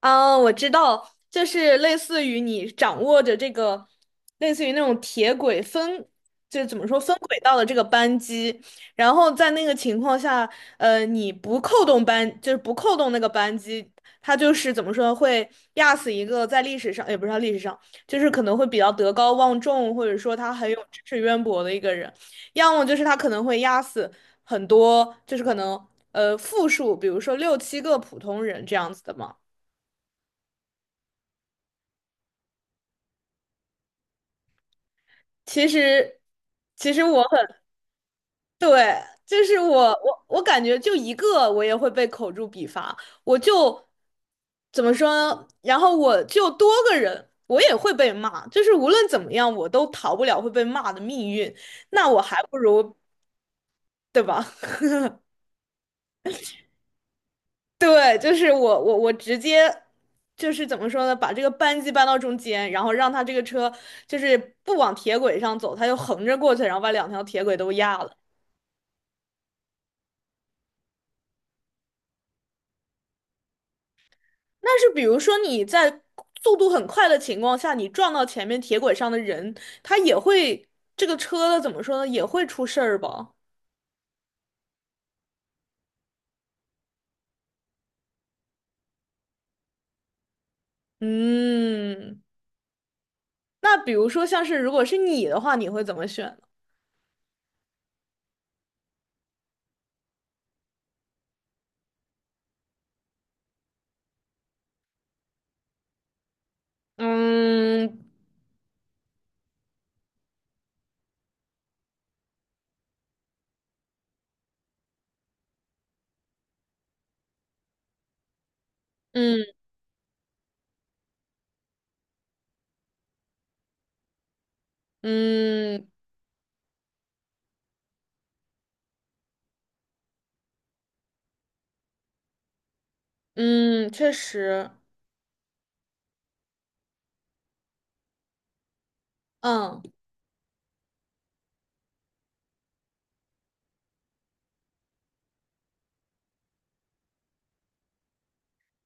啊，我知道，就是类似于你掌握着这个，类似于那种铁轨分，就怎么说分轨道的这个扳机，然后在那个情况下，你不扣动扳，就是不扣动那个扳机，他就是怎么说会压死一个在历史上，也不是历史上，就是可能会比较德高望重，或者说他很有知识渊博的一个人，要么就是他可能会压死很多，就是可能复数，比如说六七个普通人这样子的嘛。其实，其实我很，对，就是我感觉就一个我也会被口诛笔伐，我就怎么说呢？然后我就多个人，我也会被骂，就是无论怎么样，我都逃不了会被骂的命运，那我还不如，对吧？对，就是我直接。就是怎么说呢，把这个扳机扳到中间，然后让他这个车就是不往铁轨上走，他就横着过去，然后把两条铁轨都压了。但是比如说你在速度很快的情况下，你撞到前面铁轨上的人，他也会这个车怎么说呢？也会出事儿吧？嗯，那比如说像是如果是你的话，你会怎么选呢？嗯嗯嗯嗯，确实，嗯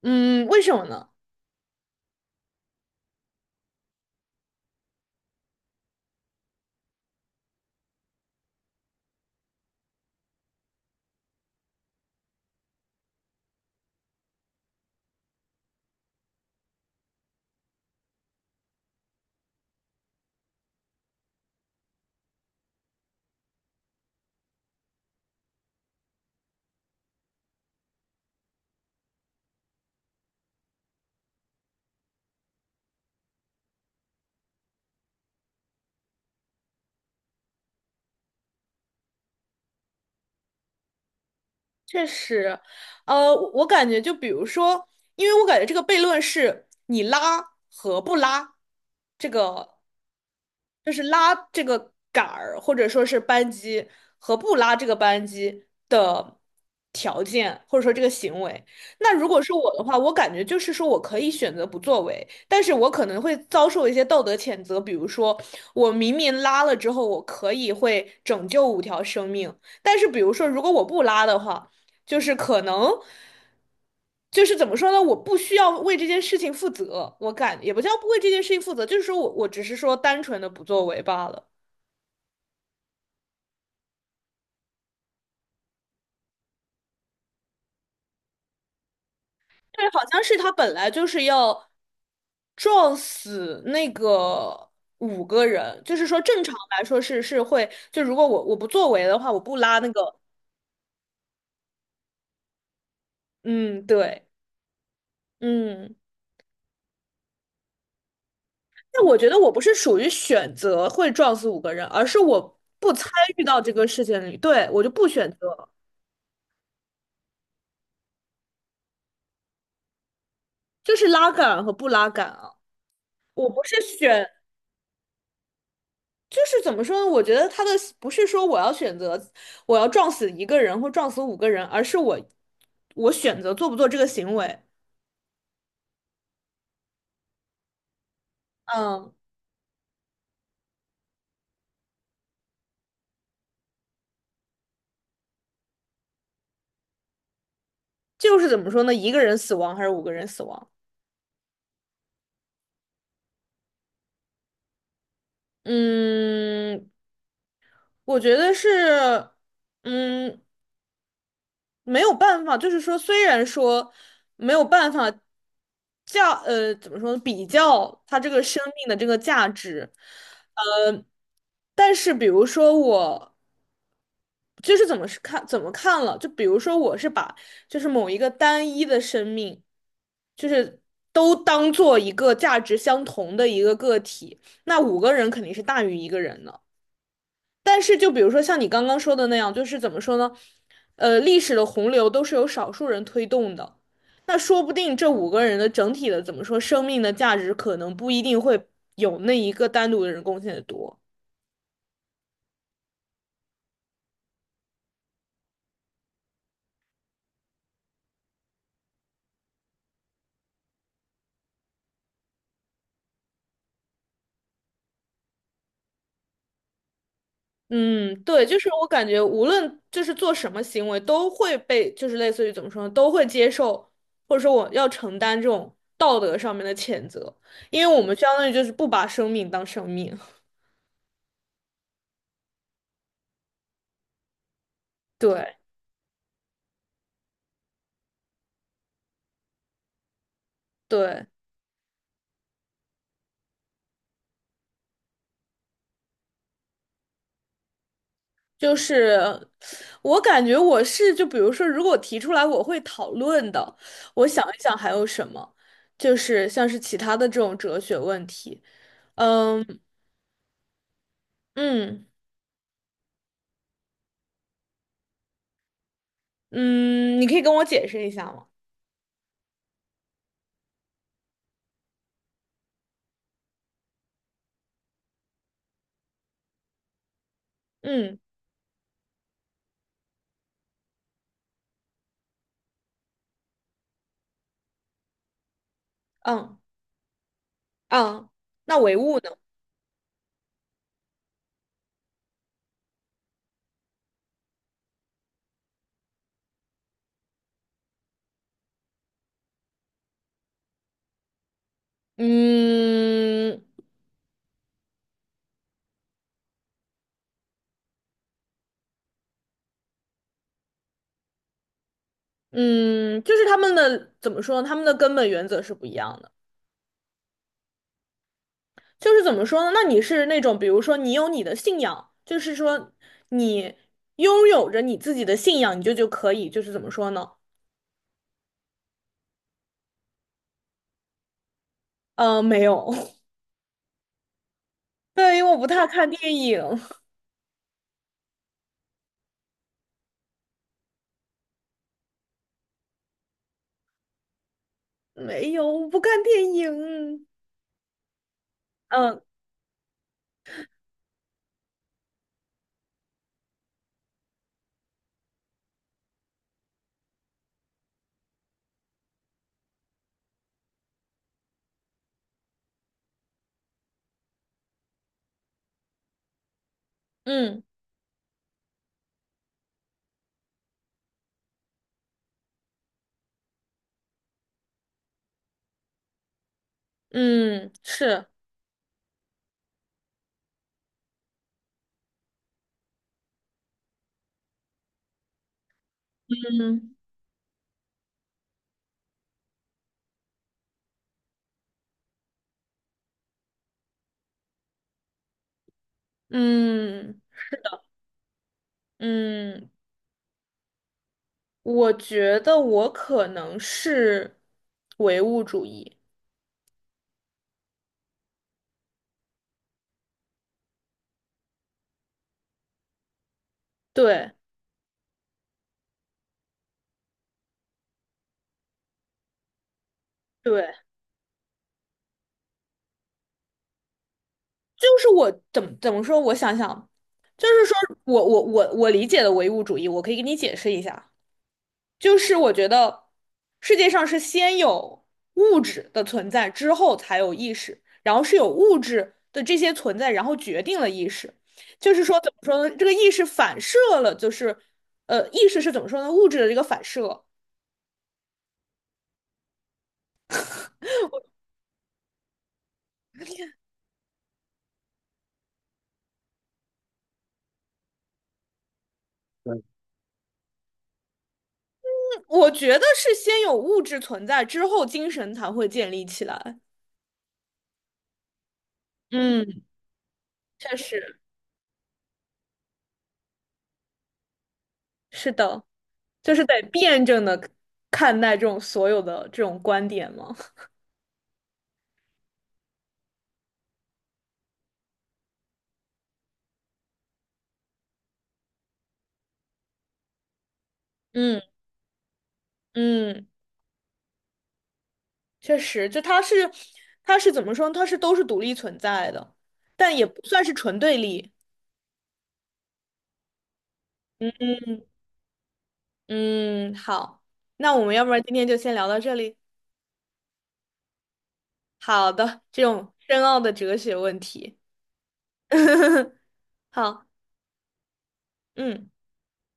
嗯，为什么呢？确实，呃，我感觉就比如说，因为我感觉这个悖论是你拉和不拉这个就是拉这个杆儿，或者说是扳机和不拉这个扳机的条件，或者说这个行为。那如果是我的话，我感觉就是说我可以选择不作为，但是我可能会遭受一些道德谴责，比如说我明明拉了之后，我可以会拯救五条生命，但是比如说如果我不拉的话。就是可能，就是怎么说呢？我不需要为这件事情负责，我感也不叫不为这件事情负责，就是说我只是说单纯的不作为罢了。对，好像是他本来就是要撞死那个五个人，就是说正常来说是会，就如果我不作为的话，我不拉那个，嗯，对。嗯，那我觉得我不是属于选择会撞死五个人，而是我不参与到这个事件里，对，我就不选择。就是拉杆和不拉杆啊。我不是选，就是怎么说呢？我觉得他的不是说我要选择我要撞死一个人或撞死五个人，而是我选择做不做这个行为。嗯，就是怎么说呢？一个人死亡还是五个人死亡？嗯，我觉得是，嗯，没有办法，就是说，虽然说没有办法怎么说呢比较它这个生命的这个价值，呃，但是比如说我就是怎么是看怎么看了，就比如说我是把就是某一个单一的生命，就是都当做一个价值相同的一个个体，那五个人肯定是大于一个人的。但是就比如说像你刚刚说的那样，就是怎么说呢？历史的洪流都是由少数人推动的，那说不定这五个人的整体的怎么说，生命的价值可能不一定会有那一个单独的人贡献的多。嗯，对，就是我感觉，无论就是做什么行为，都会被就是类似于怎么说呢，都会接受，或者说我要承担这种道德上面的谴责，因为我们相当于就是不把生命当生命。对对。就是我感觉我是就比如说，如果我提出来，我会讨论的。我想一想还有什么，就是像是其他的这种哲学问题。嗯嗯嗯，你可以跟我解释一下吗？嗯嗯嗯，那唯物呢？嗯嗯，就是他们的怎么说呢？他们的根本原则是不一样的。就是怎么说呢？那你是那种，比如说你有你的信仰，就是说你拥有着你自己的信仰，你就可以，就是怎么说呢？没有，对，因为我不太看电影，没有，我不看电影。嗯嗯嗯，是，嗯嗯嗯，我觉得我可能是唯物主义。对对，就是我怎么说？我想想，就是说我理解的唯物主义，我可以给你解释一下，就是我觉得世界上是先有物质的存在，之后才有意识，然后是有物质的这些存在，然后决定了意识。就是说怎么说呢？这个意识反射了，就是意识是怎么说呢？物质的这个反射，我觉得是先有物质存在，之后精神才会建立起来。嗯，确实，是的。就是得辩证的看待这种所有的这种观点吗？嗯嗯，确实，就它是怎么说呢？它是都是独立存在的，但也不算是纯对立。嗯嗯，好，那我们要不然今天就先聊到这里。好的，这种深奥的哲学问题。好，嗯。